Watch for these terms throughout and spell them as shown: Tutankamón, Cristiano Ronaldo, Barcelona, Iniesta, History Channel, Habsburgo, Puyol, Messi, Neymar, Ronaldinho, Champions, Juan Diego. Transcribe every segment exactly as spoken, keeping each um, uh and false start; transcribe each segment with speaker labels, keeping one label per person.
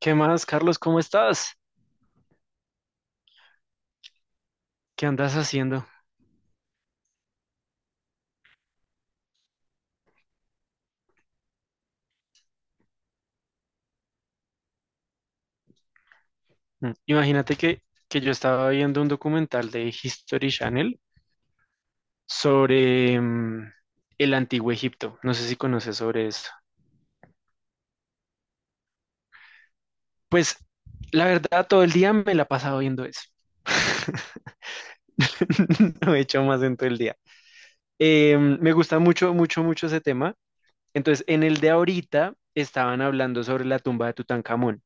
Speaker 1: ¿Qué más, Carlos? ¿Cómo estás? ¿Qué andas haciendo? Mm. Imagínate que, que yo estaba viendo un documental de History Channel sobre mm, el Antiguo Egipto. No sé si conoces sobre esto. Pues la verdad, todo el día me la he pasado viendo eso. No he hecho más en todo el día. Eh, me gusta mucho, mucho, mucho ese tema. Entonces, en el de ahorita estaban hablando sobre la tumba de Tutankamón.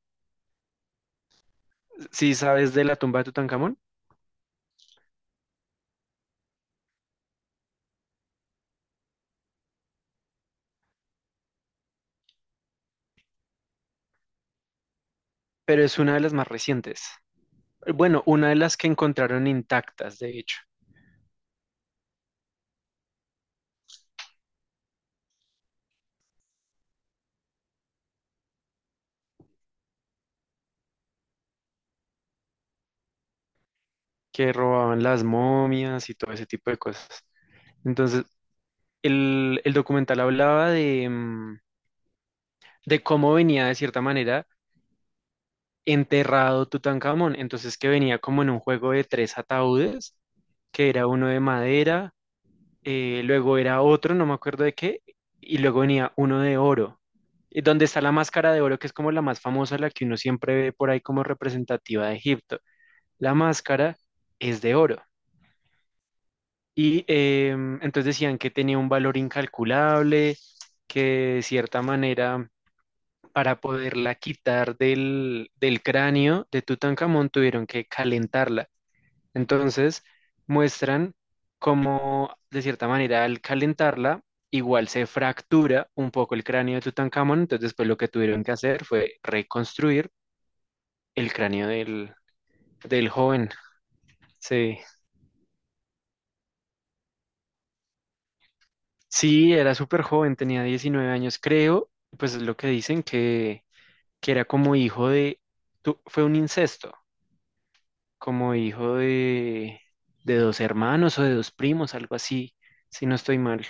Speaker 1: Sí sabes de la tumba de Tutankamón, pero es una de las más recientes. Bueno, una de las que encontraron intactas, de hecho, que robaban las momias y todo ese tipo de cosas. Entonces, el, el documental hablaba de, mm, de cómo venía de cierta manera enterrado Tutankamón. Entonces, que venía como en un juego de tres ataúdes, que era uno de madera, eh, luego era otro, no me acuerdo de qué, y luego venía uno de oro. Y donde está la máscara de oro, que es como la más famosa, la que uno siempre ve por ahí como representativa de Egipto. La máscara es de oro. Y eh, entonces decían que tenía un valor incalculable, que de cierta manera para poderla quitar del, del cráneo de Tutankamón tuvieron que calentarla. Entonces muestran cómo de cierta manera al calentarla igual se fractura un poco el cráneo de Tutankamón, entonces después lo que tuvieron que hacer fue reconstruir el cráneo del, del joven. Sí. Sí, era súper joven, tenía diecinueve años, creo, pues es lo que dicen que, que era como hijo de, tu- fue un incesto, como hijo de, de dos hermanos o de dos primos, algo así, si no estoy mal.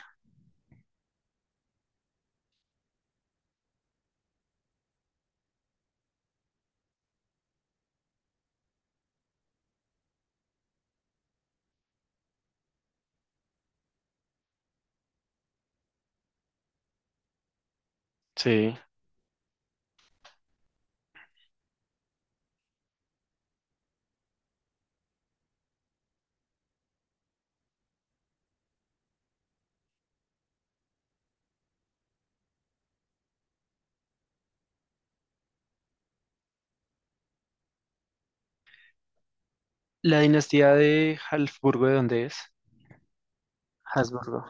Speaker 1: Sí. La dinastía de Habsburgo, ¿de dónde es? Habsburgo.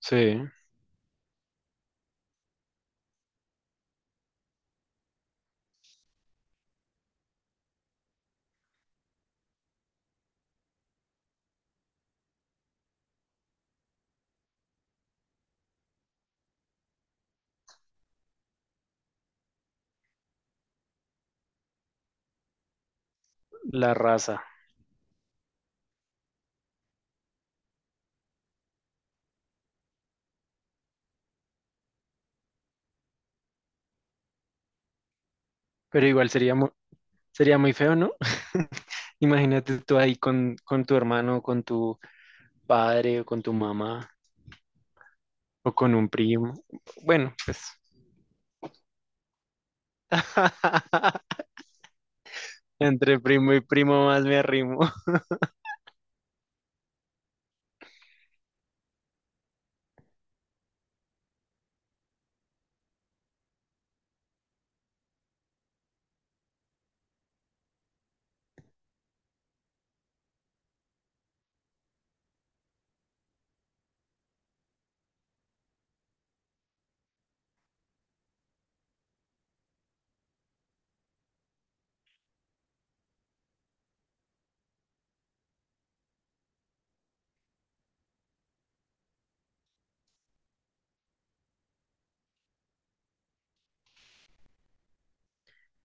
Speaker 1: Sí, la raza. Pero igual sería muy, sería muy feo, ¿no? Imagínate tú ahí con, con tu hermano, con tu padre o con tu mamá o con un primo. Bueno, pues. Entre primo y primo más me arrimo.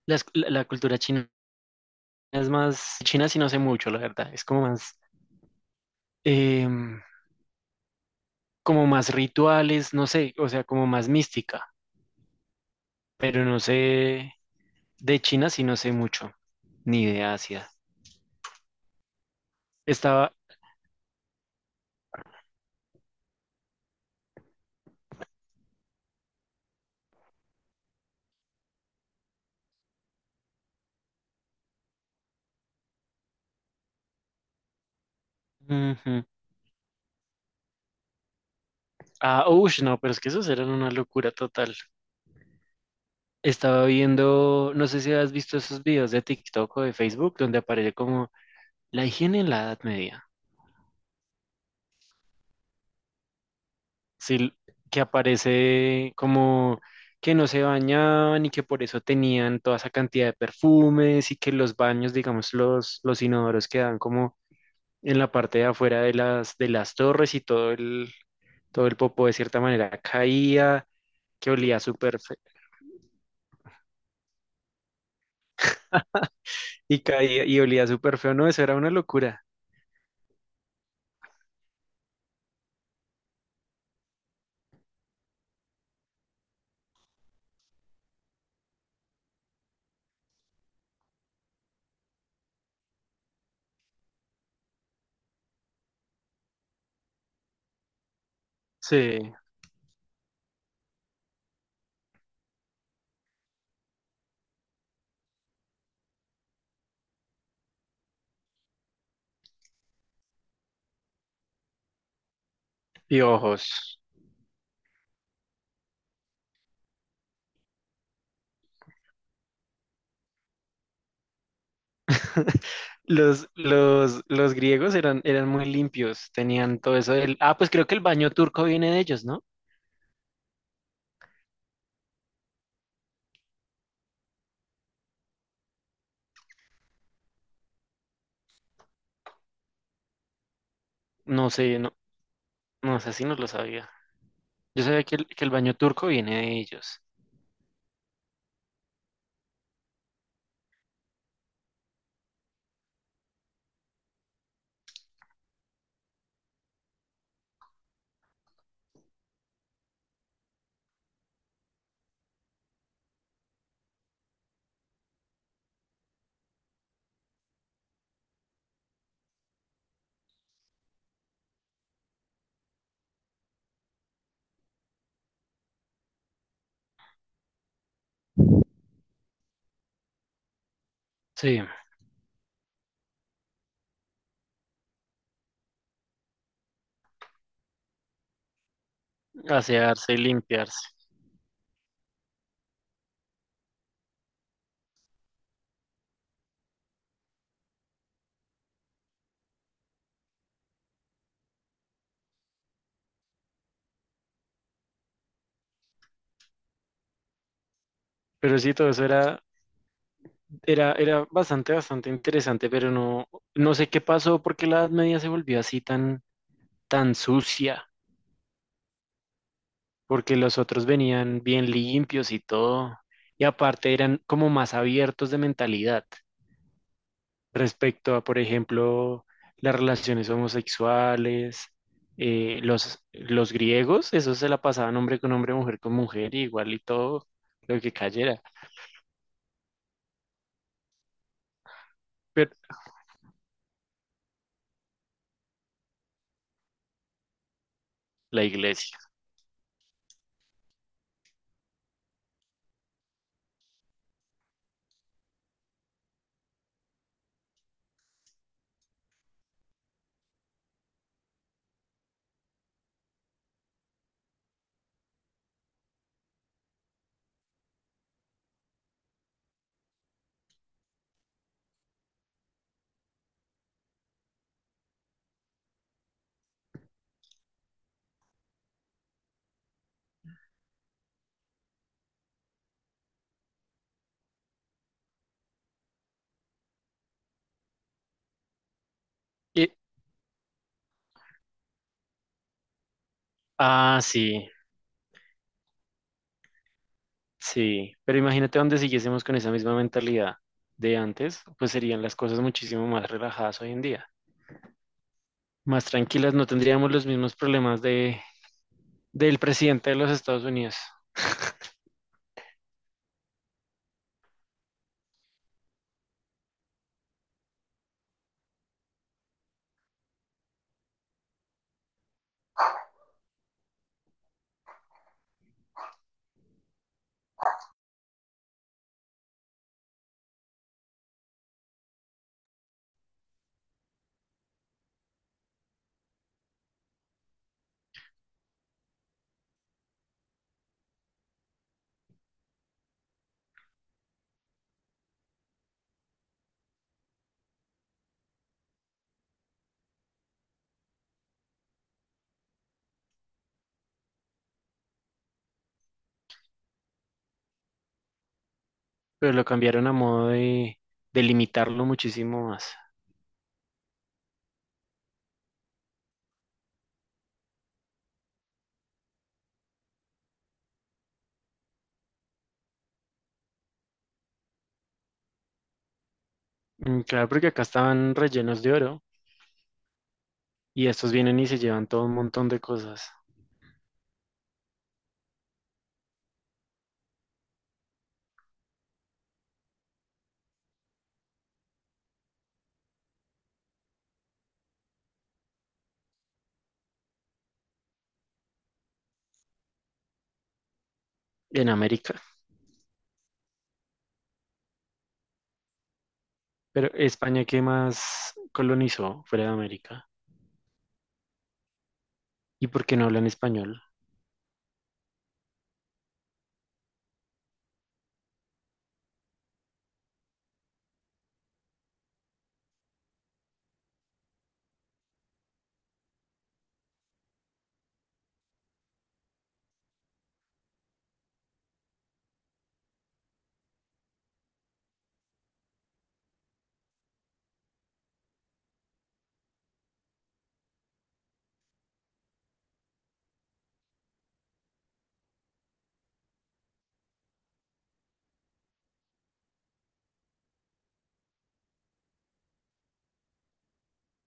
Speaker 1: Las- La, la cultura china es más, China sí no sé mucho, la verdad, es como más, em, como más rituales, no sé, o sea, como más mística, pero no sé, de China sí no sé mucho, ni de Asia. Estaba, ujú. Ah, ush, no, pero es que esos eran una locura total. Estaba viendo, no sé si has visto esos videos de TikTok o de Facebook, donde aparece como la higiene en la Edad Media. Sí, que aparece como que no se bañaban y que por eso tenían toda esa cantidad de perfumes y que los baños, digamos, los, los inodoros quedan como en la parte de afuera de las, de las torres y todo el, todo el popó de cierta manera caía, que olía súper feo y caía y olía súper feo, no, eso era una locura. Sí, y ojos. Los, los, los griegos eran, eran muy limpios, tenían todo eso del... Ah, pues creo que el baño turco viene de ellos, ¿no? No sé, no, no sé si no lo sabía. Yo sabía que el, que el baño turco viene de ellos. Sí, asearse y limpiarse. Pero sí, todo eso era, era, era bastante, bastante interesante, pero no, no sé qué pasó porque la Edad Media se volvió así tan, tan sucia, porque los otros venían bien limpios y todo, y aparte eran como más abiertos de mentalidad. Respecto a, por ejemplo, las relaciones homosexuales, eh, los, los griegos, eso se la pasaban hombre con hombre, mujer con mujer, y igual y todo lo que cayera, pero la iglesia. Y- ah, sí, sí, pero imagínate donde siguiésemos con esa misma mentalidad de antes, pues serían las cosas muchísimo más relajadas hoy en día, más tranquilas, no tendríamos los mismos problemas de, del presidente de los Estados Unidos, pero lo cambiaron a modo de, de limitarlo muchísimo más. Mm, claro, porque acá estaban rellenos de oro y estos vienen y se llevan todo un montón de cosas en América. Pero España, ¿qué más colonizó fuera de América? ¿Y por qué no hablan español?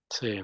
Speaker 1: Sí.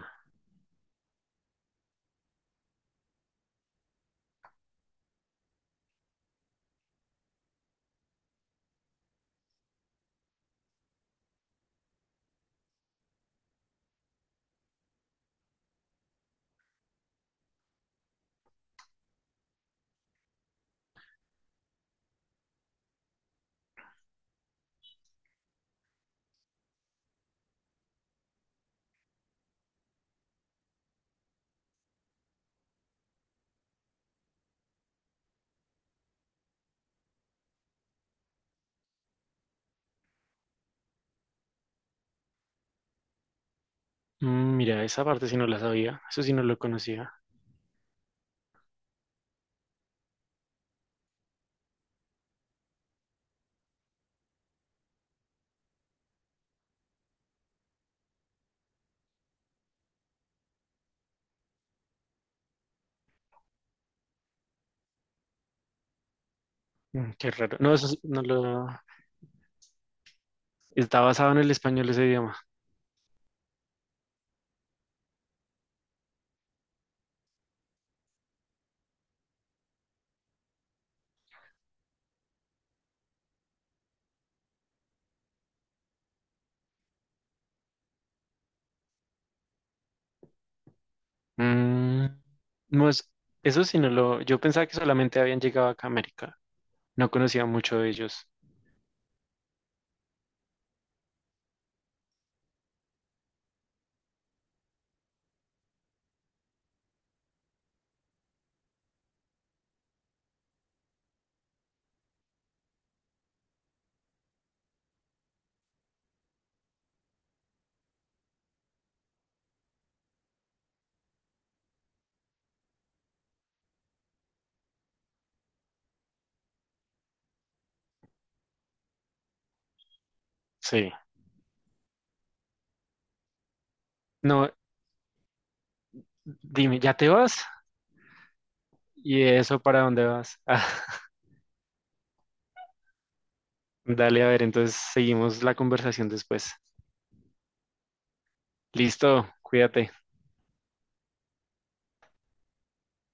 Speaker 1: Mm, mira, esa parte sí no la sabía, eso sí no lo conocía. Mm, qué raro. No, eso sí no lo... Está basado en el español ese idioma. Mm, no es- eso sí no lo... Yo pensaba que solamente habían llegado acá a América. No conocía mucho de ellos. Sí. No, dime, ¿ya te vas? ¿Y eso para dónde vas? Ah, dale, a ver, entonces seguimos la conversación después. Listo, cuídate.